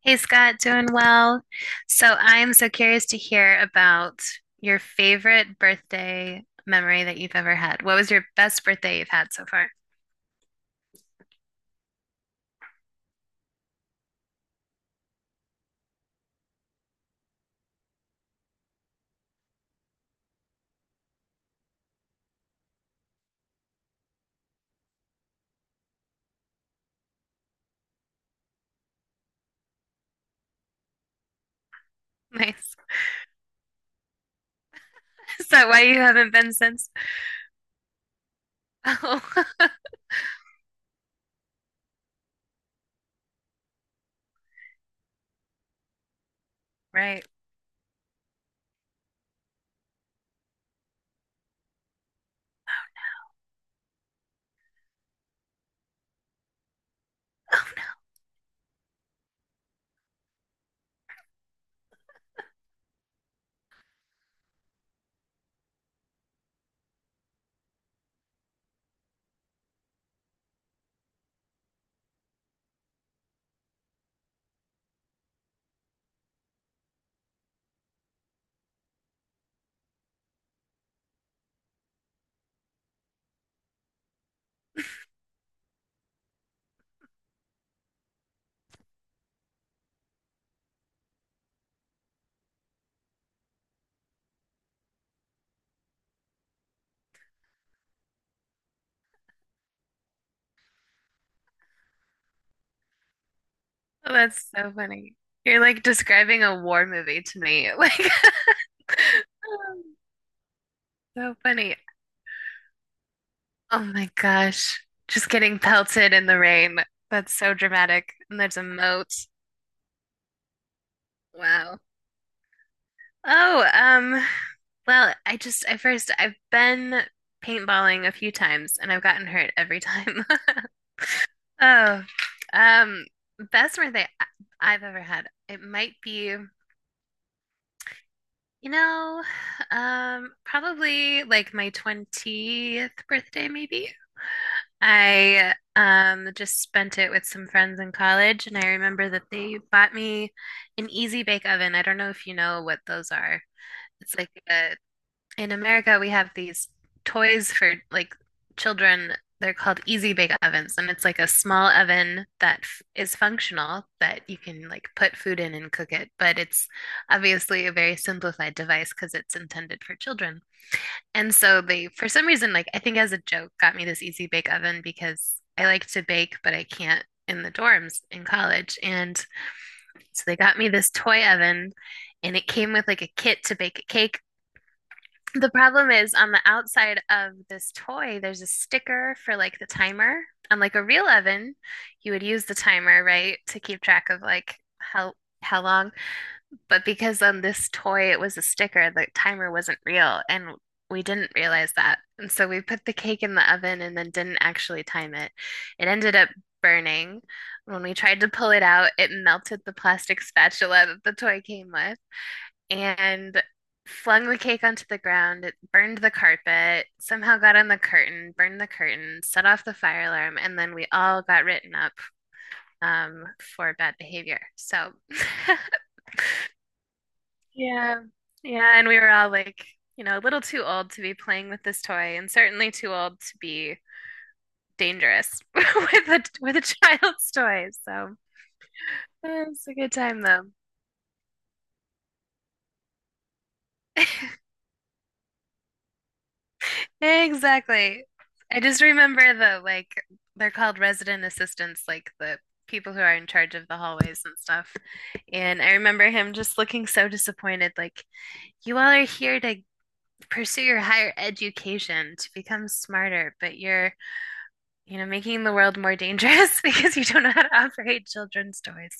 Hey Scott, doing well. So I'm so curious to hear about your favorite birthday memory that you've ever had. What was your best birthday you've had so far? Nice. Is that why you haven't been since? Oh, right. Oh, that's so funny. You're like describing a war movie to me. Like, oh, so funny. Oh my gosh. Just getting pelted in the rain. That's so dramatic. And there's a moat. Wow. Oh, um, Well, I first, I've been paintballing a few times and I've gotten hurt every time. Oh, um, best birthday I've ever had. It might be, you know, probably like my 20th birthday, maybe. I just spent it with some friends in college, and I remember that they bought me an Easy Bake Oven. I don't know if you know what those are. It's like a In America, we have these toys for like children. They're called Easy Bake Ovens, and it's like a small oven that f is functional that you can like put food in and cook it. But it's obviously a very simplified device because it's intended for children. And so they, for some reason, like I think as a joke, got me this Easy Bake Oven because I like to bake, but I can't in the dorms in college. And so they got me this toy oven, and it came with like a kit to bake a cake. The problem is on the outside of this toy, there's a sticker for like the timer. On like a real oven, you would use the timer, right, to keep track of like how long. But because on this toy it was a sticker, the timer wasn't real, and we didn't realize that. And so we put the cake in the oven and then didn't actually time it. It ended up burning. When we tried to pull it out, it melted the plastic spatula that the toy came with and flung the cake onto the ground. It burned the carpet, somehow got on the curtain, burned the curtain, set off the fire alarm, and then we all got written up um, for bad behavior. So, yeah, yeah, and we were all like, you know, a little too old to be playing with this toy, and certainly too old to be dangerous with a child's toy. So, it was a good time though. Exactly. I just remember the like they're called resident assistants, like the people who are in charge of the hallways and stuff. And I remember him just looking so disappointed, like, you all are here to pursue your higher education, to become smarter, but you're, you know, making the world more dangerous because you don't know how to operate children's toys.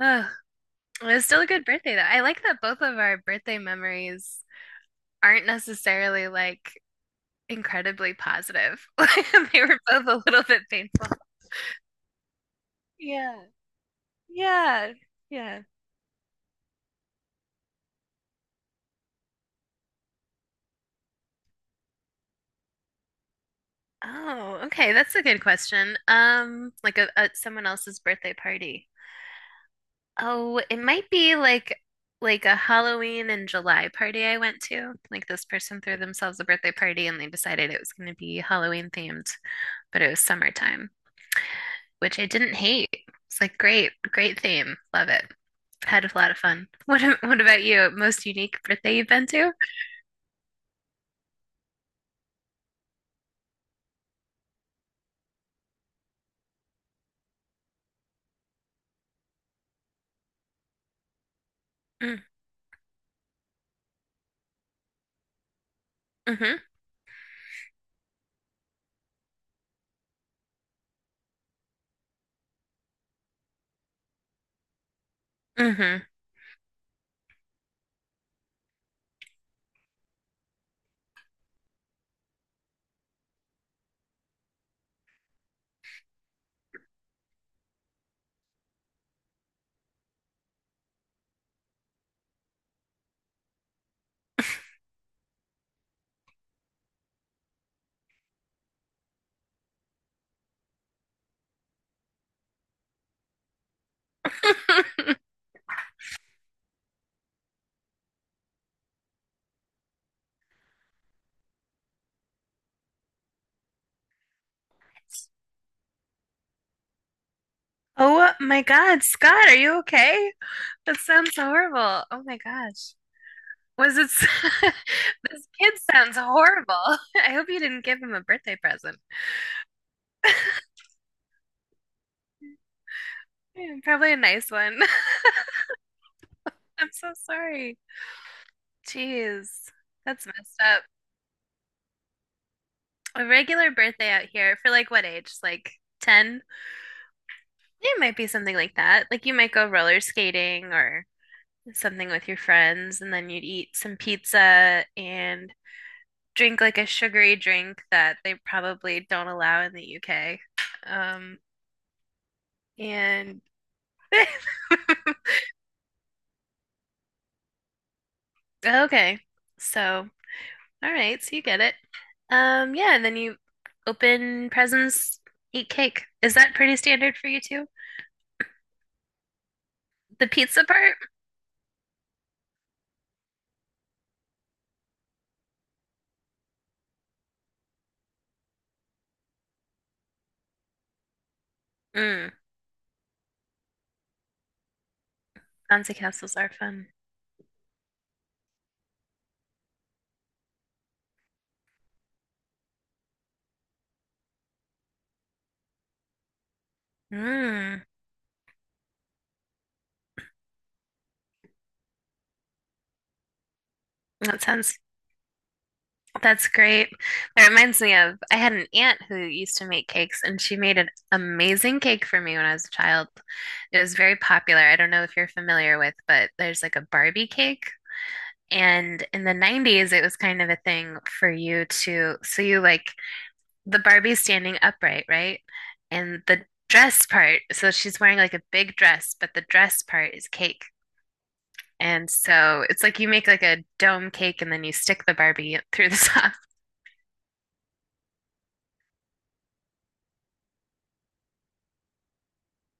Oh, it was still a good birthday though. I like that both of our birthday memories aren't necessarily like incredibly positive. They were both a little bit painful. Yeah. Yeah. Yeah. Oh, okay. That's a good question. Like a someone else's birthday party. Oh, it might be like a Halloween in July party I went to. Like this person threw themselves a birthday party and they decided it was going to be Halloween themed, but it was summertime, which I didn't hate. It's like great, great theme. Love it. Had a lot of fun. What about you? Most unique birthday you've been to? Mm, hmm hmm. Oh my God, Scott, are you okay? That sounds horrible. Oh my gosh. Was it s- this kid sounds horrible. I hope you didn't give him a birthday present. Yeah, probably a nice one. I'm so sorry. Jeez, that's messed up. A regular birthday out here for like what age? Like 10? It might be something like that. Like you might go roller skating or something with your friends, and then you'd eat some pizza and drink like a sugary drink that they probably don't allow in the UK. Um, and Okay, so so you get it. Yeah, and then you open presents, eat cake. Is that pretty standard for you too? The pizza part? Mm, bouncy castles are fun. Mm, that sounds That's great. That reminds me of I had an aunt who used to make cakes, and she made an amazing cake for me when I was a child. It was very popular. I don't know if you're familiar with, but there's like a Barbie cake. And in the 90s, it was kind of a thing for you to, so you like the Barbie standing upright, right? And the dress part, so she's wearing like a big dress, but the dress part is cake. And so it's like you make like a dome cake and then you stick the Barbie through the top.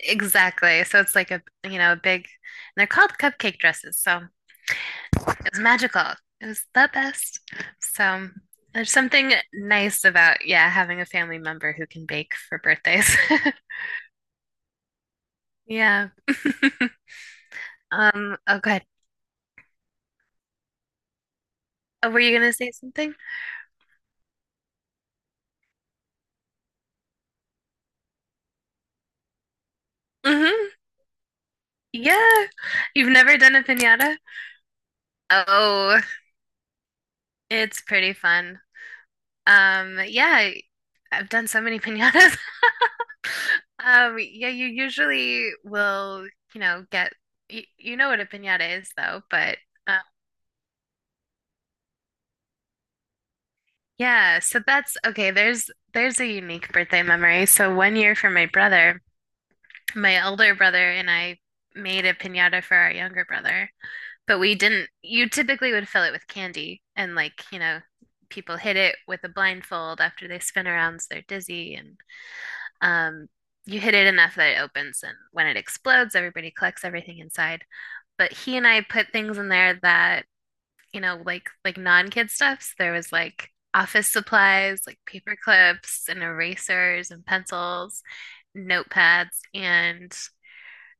Exactly. So it's like a, you know, a big, and they're called cupcake dresses. So it was magical. It was the best. So there's something nice about, yeah, having a family member who can bake for birthdays. Yeah. Oh, go ahead. Oh, were you gonna say something? Hmm. Yeah. You've never done a piñata? Oh, it's pretty fun. Yeah, I've done so many piñatas. Yeah, you usually will, you know, get you, you know what a piñata is though, but uh, yeah, so that's okay. There's a unique birthday memory. So one year for my brother, my elder brother and I made a piñata for our younger brother, but we didn't. You typically would fill it with candy and like, you know, people hit it with a blindfold after they spin around so they're dizzy and um you hit it enough that it opens and when it explodes, everybody collects everything inside. But he and I put things in there that, you know, like non-kid stuffs. There was like office supplies, like paper clips and erasers and pencils, notepads and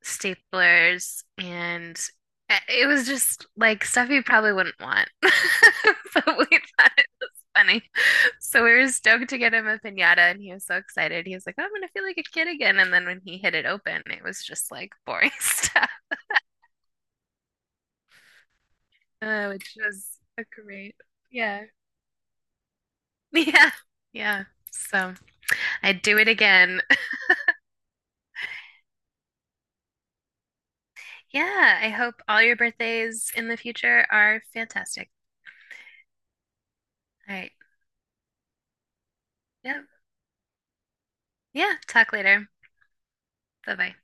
staplers and it was just like stuff you probably wouldn't want. But we thought it was funny. So we were stoked to get him a piñata and he was so excited. He was like, "Oh, I'm gonna feel like a kid again." And then when he hit it open, it was just like boring stuff. Oh, which was a great, yeah, yeah, yeah. So I'd do it again. Yeah, I hope all your birthdays in the future are fantastic. All right. Yeah. Yeah. Talk later. Bye bye.